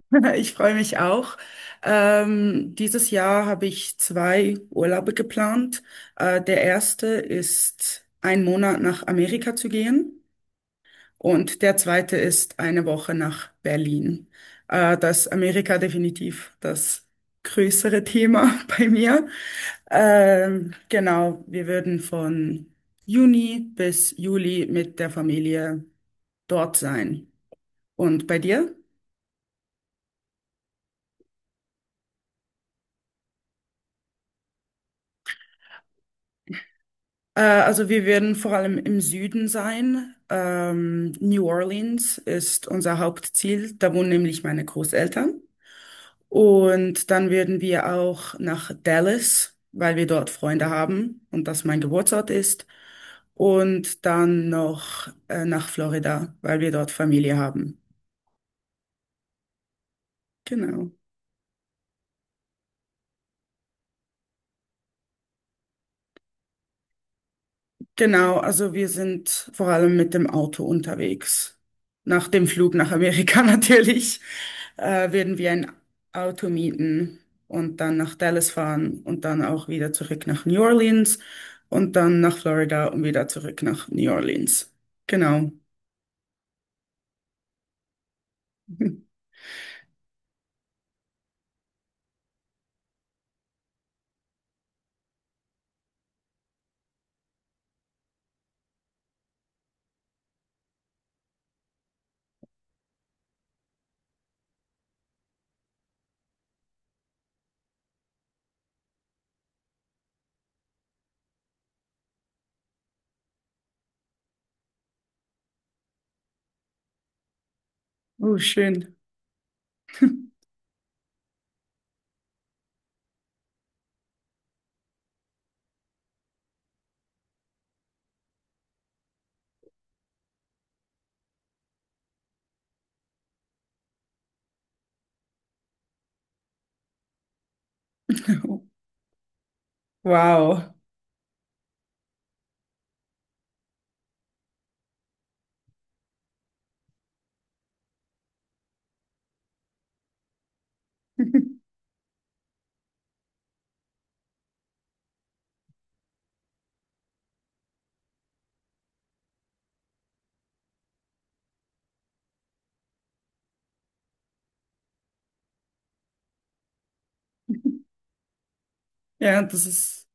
Ich freue mich auch. Dieses Jahr habe ich zwei Urlaube geplant. Der erste ist ein Monat nach Amerika zu gehen und der zweite ist eine Woche nach Berlin. Da Amerika definitiv das größere Thema bei mir. Genau, wir würden von Juni bis Juli mit der Familie dort sein. Und bei dir? Also wir werden vor allem im Süden sein. New Orleans ist unser Hauptziel. Da wohnen nämlich meine Großeltern. Und dann werden wir auch nach Dallas, weil wir dort Freunde haben und das mein Geburtsort ist. Und dann noch nach Florida, weil wir dort Familie haben. Genau. Genau, also wir sind vor allem mit dem Auto unterwegs. Nach dem Flug nach Amerika natürlich werden wir ein Auto mieten und dann nach Dallas fahren und dann auch wieder zurück nach New Orleans und dann nach Florida und wieder zurück nach New Orleans. Genau. Oh, schön. Wow. Ja,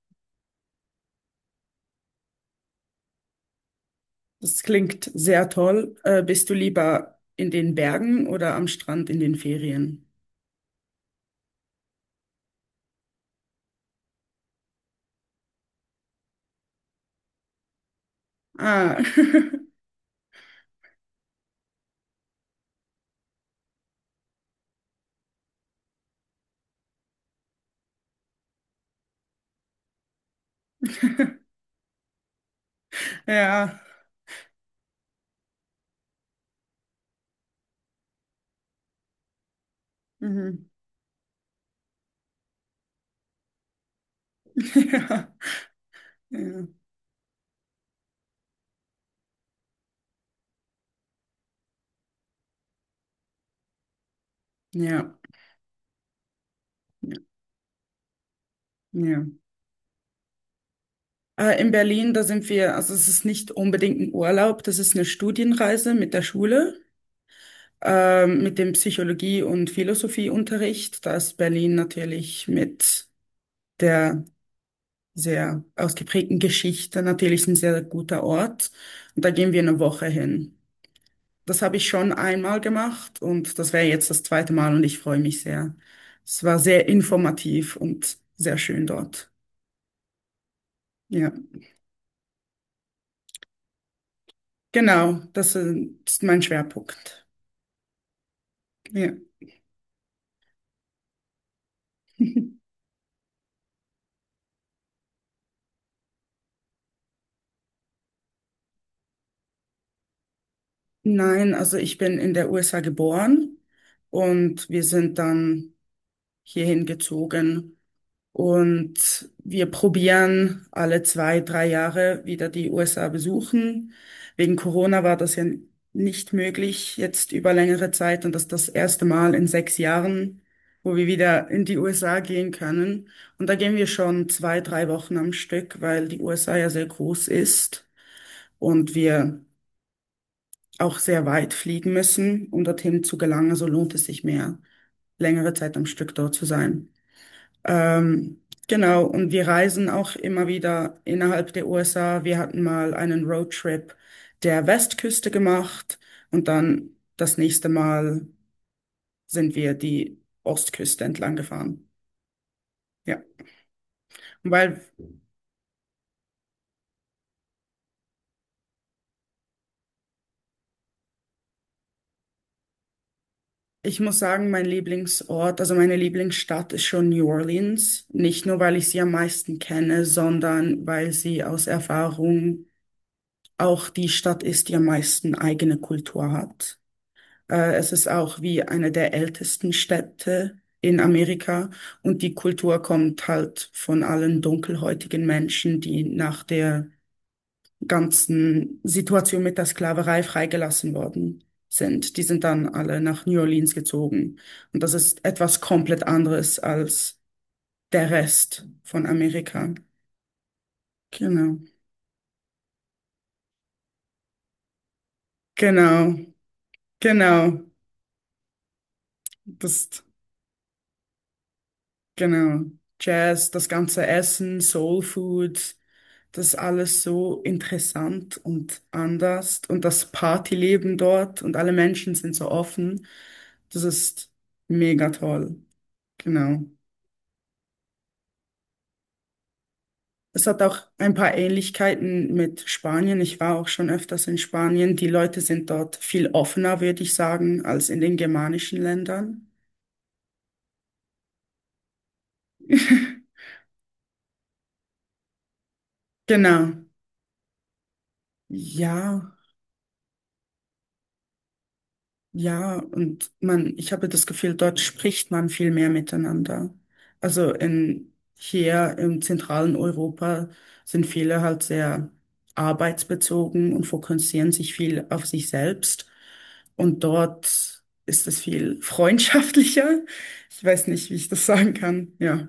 das klingt sehr toll. Bist du lieber in den Bergen oder am Strand in den Ferien? Ah. Ja. Mhm. Ja. Ja. Ja. Ja. Ja. In Berlin, da sind wir, also es ist nicht unbedingt ein Urlaub, das ist eine Studienreise mit der Schule, mit dem Psychologie- und Philosophieunterricht. Da ist Berlin natürlich mit der sehr ausgeprägten Geschichte natürlich ein sehr guter Ort. Und da gehen wir eine Woche hin. Das habe ich schon einmal gemacht und das wäre jetzt das zweite Mal und ich freue mich sehr. Es war sehr informativ und sehr schön dort. Ja, genau, das ist mein Schwerpunkt. Ja. Nein, also ich bin in der USA geboren und wir sind dann hierhin gezogen. Und wir probieren alle zwei, drei Jahre wieder die USA besuchen. Wegen Corona war das ja nicht möglich jetzt über längere Zeit und das ist das erste Mal in 6 Jahren, wo wir wieder in die USA gehen können. Und da gehen wir schon zwei, drei Wochen am Stück, weil die USA ja sehr groß ist und wir auch sehr weit fliegen müssen, um dorthin zu gelangen. So lohnt es sich mehr, längere Zeit am Stück dort zu sein. Ähm, genau, und wir reisen auch immer wieder innerhalb der USA. Wir hatten mal einen Roadtrip der Westküste gemacht und dann das nächste Mal sind wir die Ostküste entlang gefahren. Ja, weil ich muss sagen, mein Lieblingsort, also meine Lieblingsstadt ist schon New Orleans. Nicht nur, weil ich sie am meisten kenne, sondern weil sie aus Erfahrung auch die Stadt ist, die am meisten eigene Kultur hat. Es ist auch wie eine der ältesten Städte in Amerika und die Kultur kommt halt von allen dunkelhäutigen Menschen, die nach der ganzen Situation mit der Sklaverei freigelassen worden sind. Die sind dann alle nach New Orleans gezogen. Und das ist etwas komplett anderes als der Rest von Amerika. Genau, genau, genau. Das, genau. Jazz, das ganze Essen, Soul Food. Das alles so interessant und anders und das Partyleben dort und alle Menschen sind so offen. Das ist mega toll. Genau. Es hat auch ein paar Ähnlichkeiten mit Spanien. Ich war auch schon öfters in Spanien. Die Leute sind dort viel offener, würde ich sagen, als in den germanischen Ländern. Genau. Ja. Ja, und man, ich habe das Gefühl, dort spricht man viel mehr miteinander. Also in, hier im zentralen Europa sind viele halt sehr arbeitsbezogen und fokussieren sich viel auf sich selbst. Und dort ist es viel freundschaftlicher. Ich weiß nicht, wie ich das sagen kann. Ja,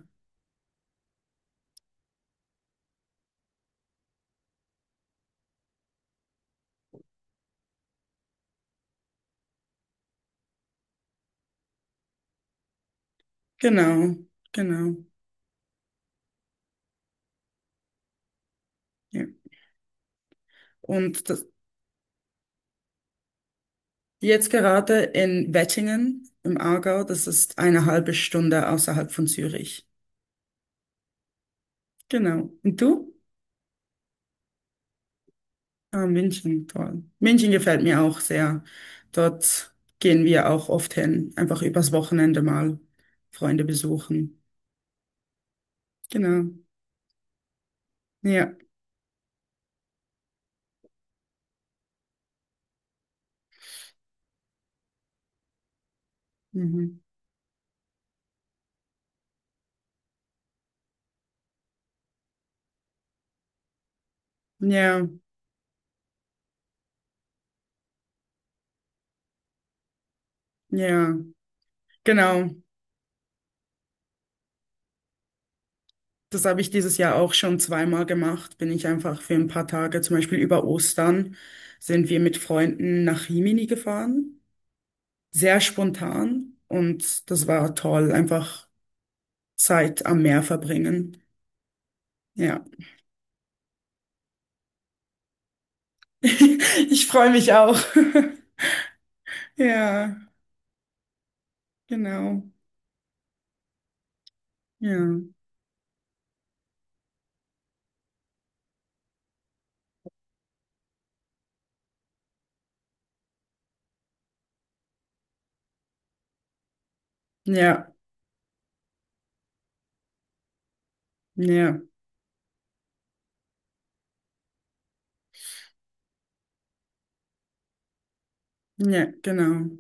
genau, genau. Ja. Und das, jetzt gerade in Wettingen im Aargau, das ist eine halbe Stunde außerhalb von Zürich. Genau. Und du? Ah, München, toll. München gefällt mir auch sehr. Dort gehen wir auch oft hin, einfach übers Wochenende mal Freunde besuchen. Genau. Ja. Mhm. Ja, ja, genau. Das habe ich dieses Jahr auch schon zweimal gemacht. Bin ich einfach für ein paar Tage, zum Beispiel über Ostern, sind wir mit Freunden nach Rimini gefahren. Sehr spontan und das war toll, einfach Zeit am Meer verbringen. Ja. Ich freue mich auch. Ja, genau. Ja, ja, ja, ja, genau.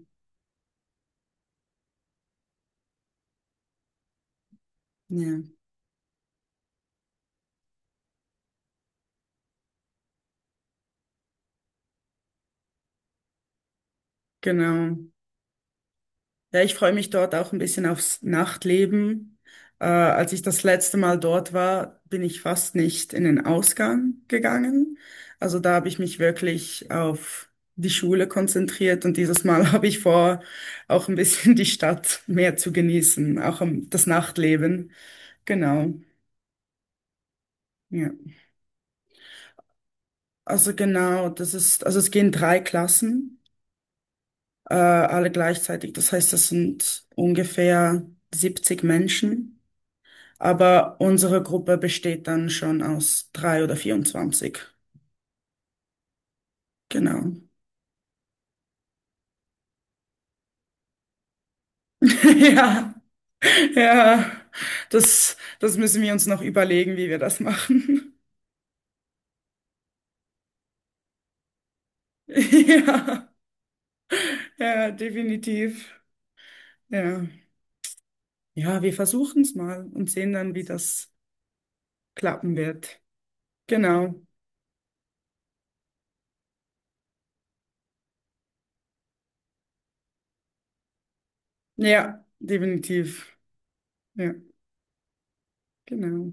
Ja, genau. Ja, ich freue mich dort auch ein bisschen aufs Nachtleben. Als ich das letzte Mal dort war, bin ich fast nicht in den Ausgang gegangen. Also da habe ich mich wirklich auf die Schule konzentriert und dieses Mal habe ich vor, auch ein bisschen die Stadt mehr zu genießen, auch am- das Nachtleben. Genau. Ja. Also genau, das ist, also es gehen drei Klassen, alle gleichzeitig. Das heißt, das sind ungefähr 70 Menschen. Aber unsere Gruppe besteht dann schon aus drei oder 24. Genau. Ja, ja. Das müssen wir uns noch überlegen, wie wir das machen. Ja, ja, definitiv. Ja. Ja, wir versuchen es mal und sehen dann, wie das klappen wird. Genau. Ja, definitiv. Ja. Genau.